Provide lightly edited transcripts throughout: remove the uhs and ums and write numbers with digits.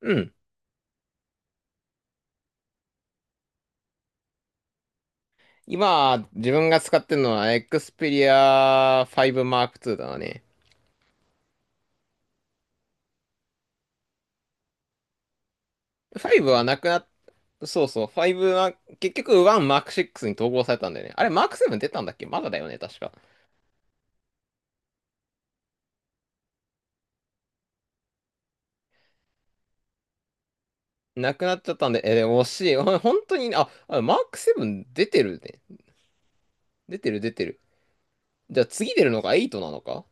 うん。今、自分が使ってるのは Xperia 5 Mark II だね。5はなくなっ、そうそう、5は、結局1 Mark VI に統合されたんだよね。あれ、Mark VII 出たんだっけ？まだだよね、確か。なくなっちゃったんで、でも惜しい。本当に、Mark VII 出てるね。出てる、出てる。じゃあ次出るのが8なのか？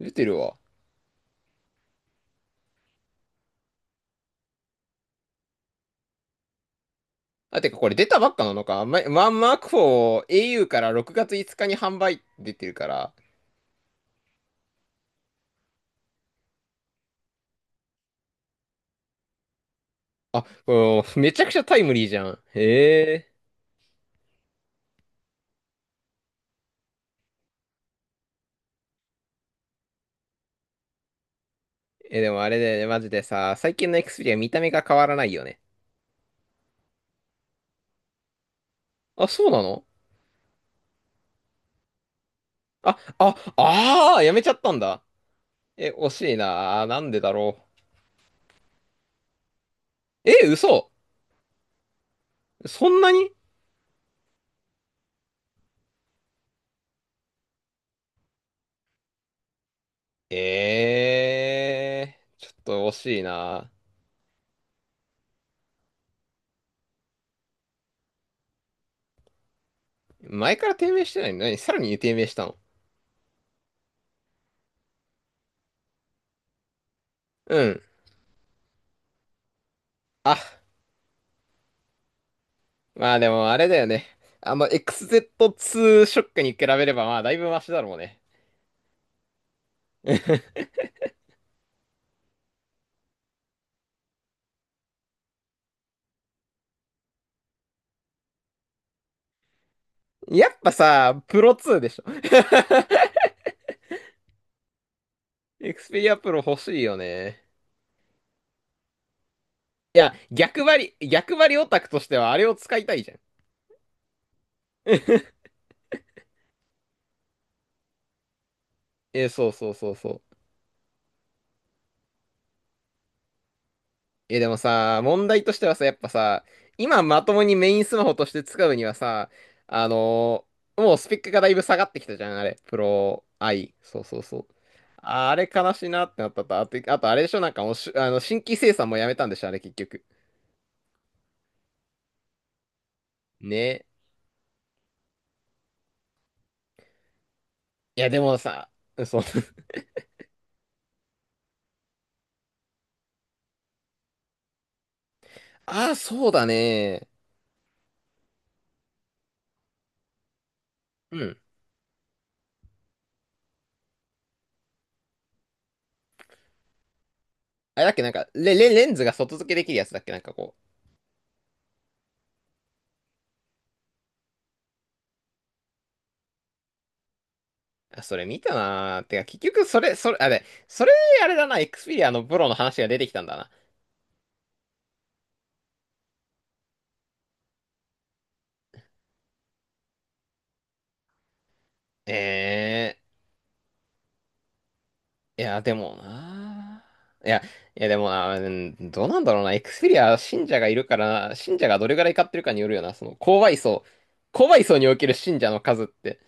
出てるわ。あ、てかこれ出たばっかなのか？ま、1 Mark IV au から6月5日に販売出てるから。あ、もう、めちゃくちゃタイムリーじゃん。へえ。でもあれだよね、マジでさ、最近の Xperia 見た目が変わらないよね。あ、そうなの？やめちゃったんだ。惜しいな。なんでだろう。嘘。そんなに？ええー、ちょっと惜しいな。前から低迷してないのに、さらに低迷したの？うん。あ、まあでもあれだよね。あの XZ2 ショックに比べればまあだいぶマシだろうね。やっぱさ、プロ2でしょ。エクスペリアプロ欲しいよね。いや、逆張りオタクとしてはあれを使いたいじゃん。そうそうそうそう。でもさ、問題としてはさ、やっぱさ、今まともにメインスマホとして使うにはさ、もうスペックがだいぶ下がってきたじゃん、あれ。プロ i そうそうそう。あれ悲しいなってなったと。あとあれでしょ、なんかもうしあの、新規生産もやめたんでしょ、あれ結局。ね。いや、でもさ、そう。ああ、そうだね。うん。あれだっけ、なんか、レンズが外付けできるやつだっけ、なんかこう。あ、それ見たなー。てか、結局、それ、それ、あれ、それ、あれだな、エクスペリアのプロの話が出てきたんだな。えいや、でもなー。いや、いや、でもな、うん、どうなんだろうな、エクスペリア信者がいるからな、信者がどれぐらい買ってるかによるよな、その、購買層における信者の数って。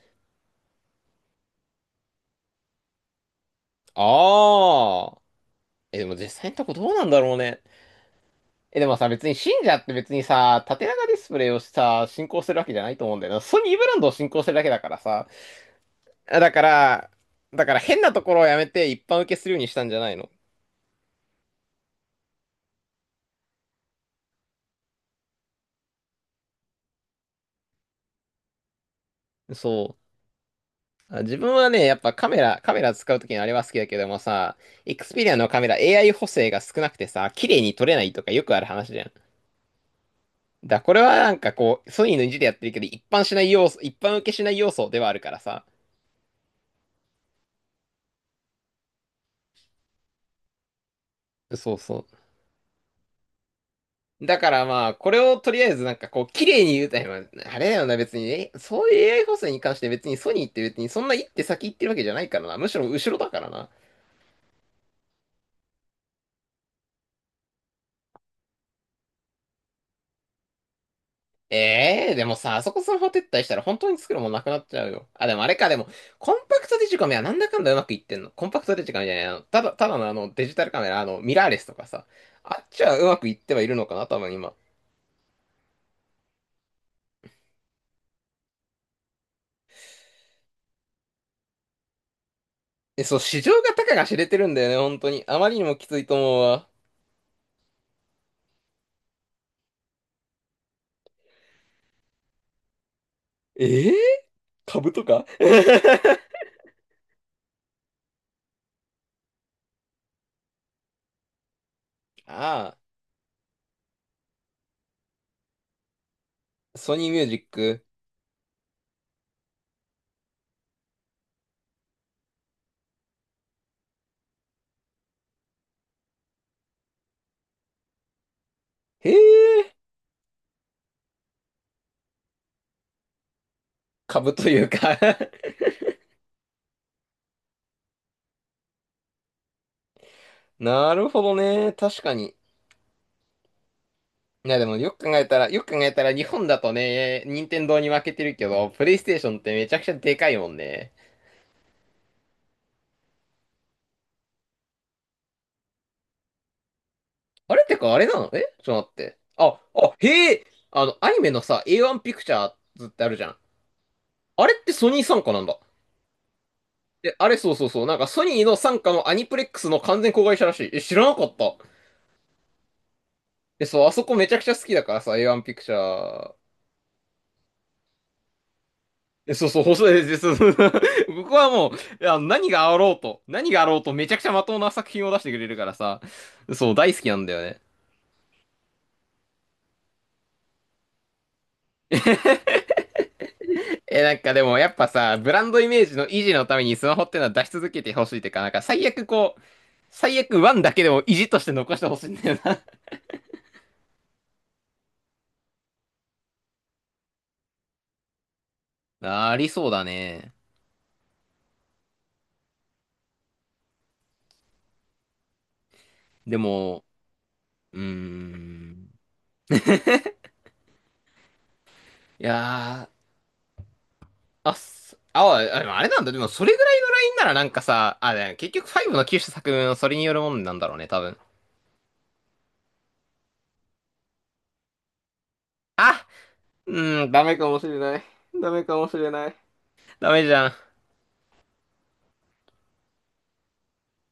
ああ。でも実際のとこどうなんだろうね。でもさ、別に信者って別にさ、縦長ディスプレイをさ、信仰するわけじゃないと思うんだよな。ソニーブランドを信仰してるだけだからさ。だから、だから変なところをやめて一般受けするようにしたんじゃないの？そう。あ、自分はね、やっぱカメラ使うときにあれは好きだけどもさ、Xperia のカメラ AI 補正が少なくてさ、綺麗に撮れないとかよくある話じゃん。これはなんかこう、ソニーの意地でやってるけど、一般しない要素、一般受けしない要素ではあるからさ。そうそう。だからまあ、これをとりあえずなんかこう、綺麗に言うたら、まああれだよな、別に、そういう AI 補正に関して別にソニーって別にそんな一手先行ってるわけじゃないからな。むしろ後ろだからな。ええーでもさ、あそこスマホ撤退したら本当に作るもんなくなっちゃうよ。あ、でもあれか、でも、コンパクトデジカメはなんだかんだうまくいってんの？コンパクトデジカメじゃない、ただのデジタルカメラ、ミラーレスとかさ。あっちはうまくいってはいるのかな、多分今。そう、市場が高が知れてるんだよね、本当に。あまりにもきついと思うわ。ええー株とか ああ。ソニーミュージック。へえ、株というか なるほどね。確かに。いやでもよく考えたら日本だとね、任天堂に負けてるけど、プレイステーションってめちゃくちゃでかいもんね。あれってかあれなの？ちょっと待って。へえ、アニメのさ、A1 ピクチャーズってあるじゃん。あれってソニー傘下なんだ？あれそうそうそう。なんかソニーの傘下のアニプレックスの完全子会社らしい。知らなかった。そう、あそこめちゃくちゃ好きだからさ、A1 ピクチャー。そうそう、細いです。僕はもう、いや何があろうと、何があろうとめちゃくちゃまともな作品を出してくれるからさ、そう、大好きなんだよね。なんかでもやっぱさ、ブランドイメージの維持のためにスマホってのは出し続けてほしいっていうか、なんか最悪こう、最悪ワンだけでも維持として残してほしいんだよな。ありそうだね。でも、うーん。いやー、あ、すあ、あでもあれなんだ。でもそれぐらいならなんかさ、あ、でも結局5の9種作目のそれによるもんなんだろうね、多分。あうん、ダメかもしれない。ダメかもしれない。ダメじゃん。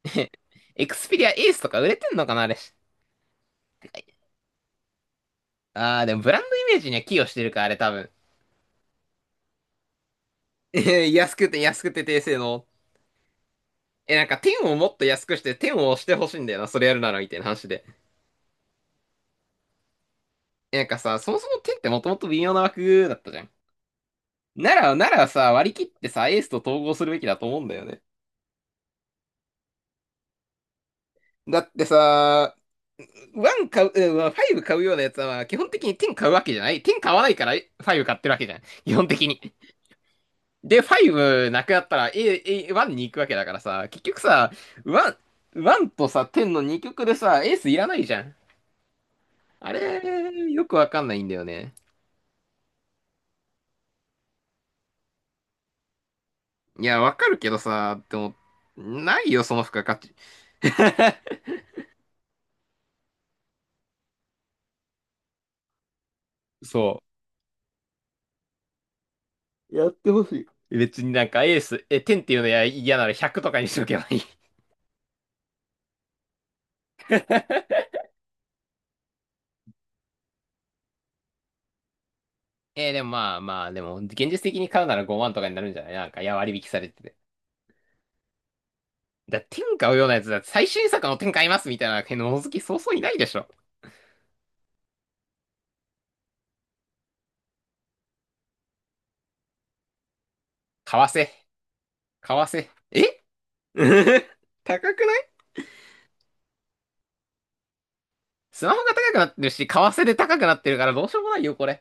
エクスペリアエースとか売れてんのかな、あれ？あー、でもブランドイメージには寄与してるか、あれ多分。安くて安くて低性能。なんか天をもっと安くして天を押してほしいんだよな、それやるならみたいな話で。なんかさ、そもそも天ってもともと微妙な枠だったじゃん。ならさ、割り切ってさ、エースと統合するべきだと思うんだよね。だってさ、1買う、うんまあ5買うようなやつは、まあ基本的に10買うわけじゃない。10買わないから5買ってるわけじゃん。基本的に。で、5なくなったら 1に行くわけだからさ、結局さ、1、ワンとさ、10の2曲でさ、エースいらないじゃん。あれ、よくわかんないんだよね。いや、わかるけどさ、でも、ないよ、その付加価値。そやってほしい。う。別になんかエース、10っていうのや嫌なら100とかにしとけばいい。でもまあまあ、でも、現実的に買うなら5万とかになるんじゃないなんか、いや、割引されてて。だ、天買うようなやつだって、最新作の天買いますみたいな、のの好きそうそういないでしょ。為替。為替。高くない？スマホが高くなってるし、為替で高くなってるからどうしようもないよ、これ。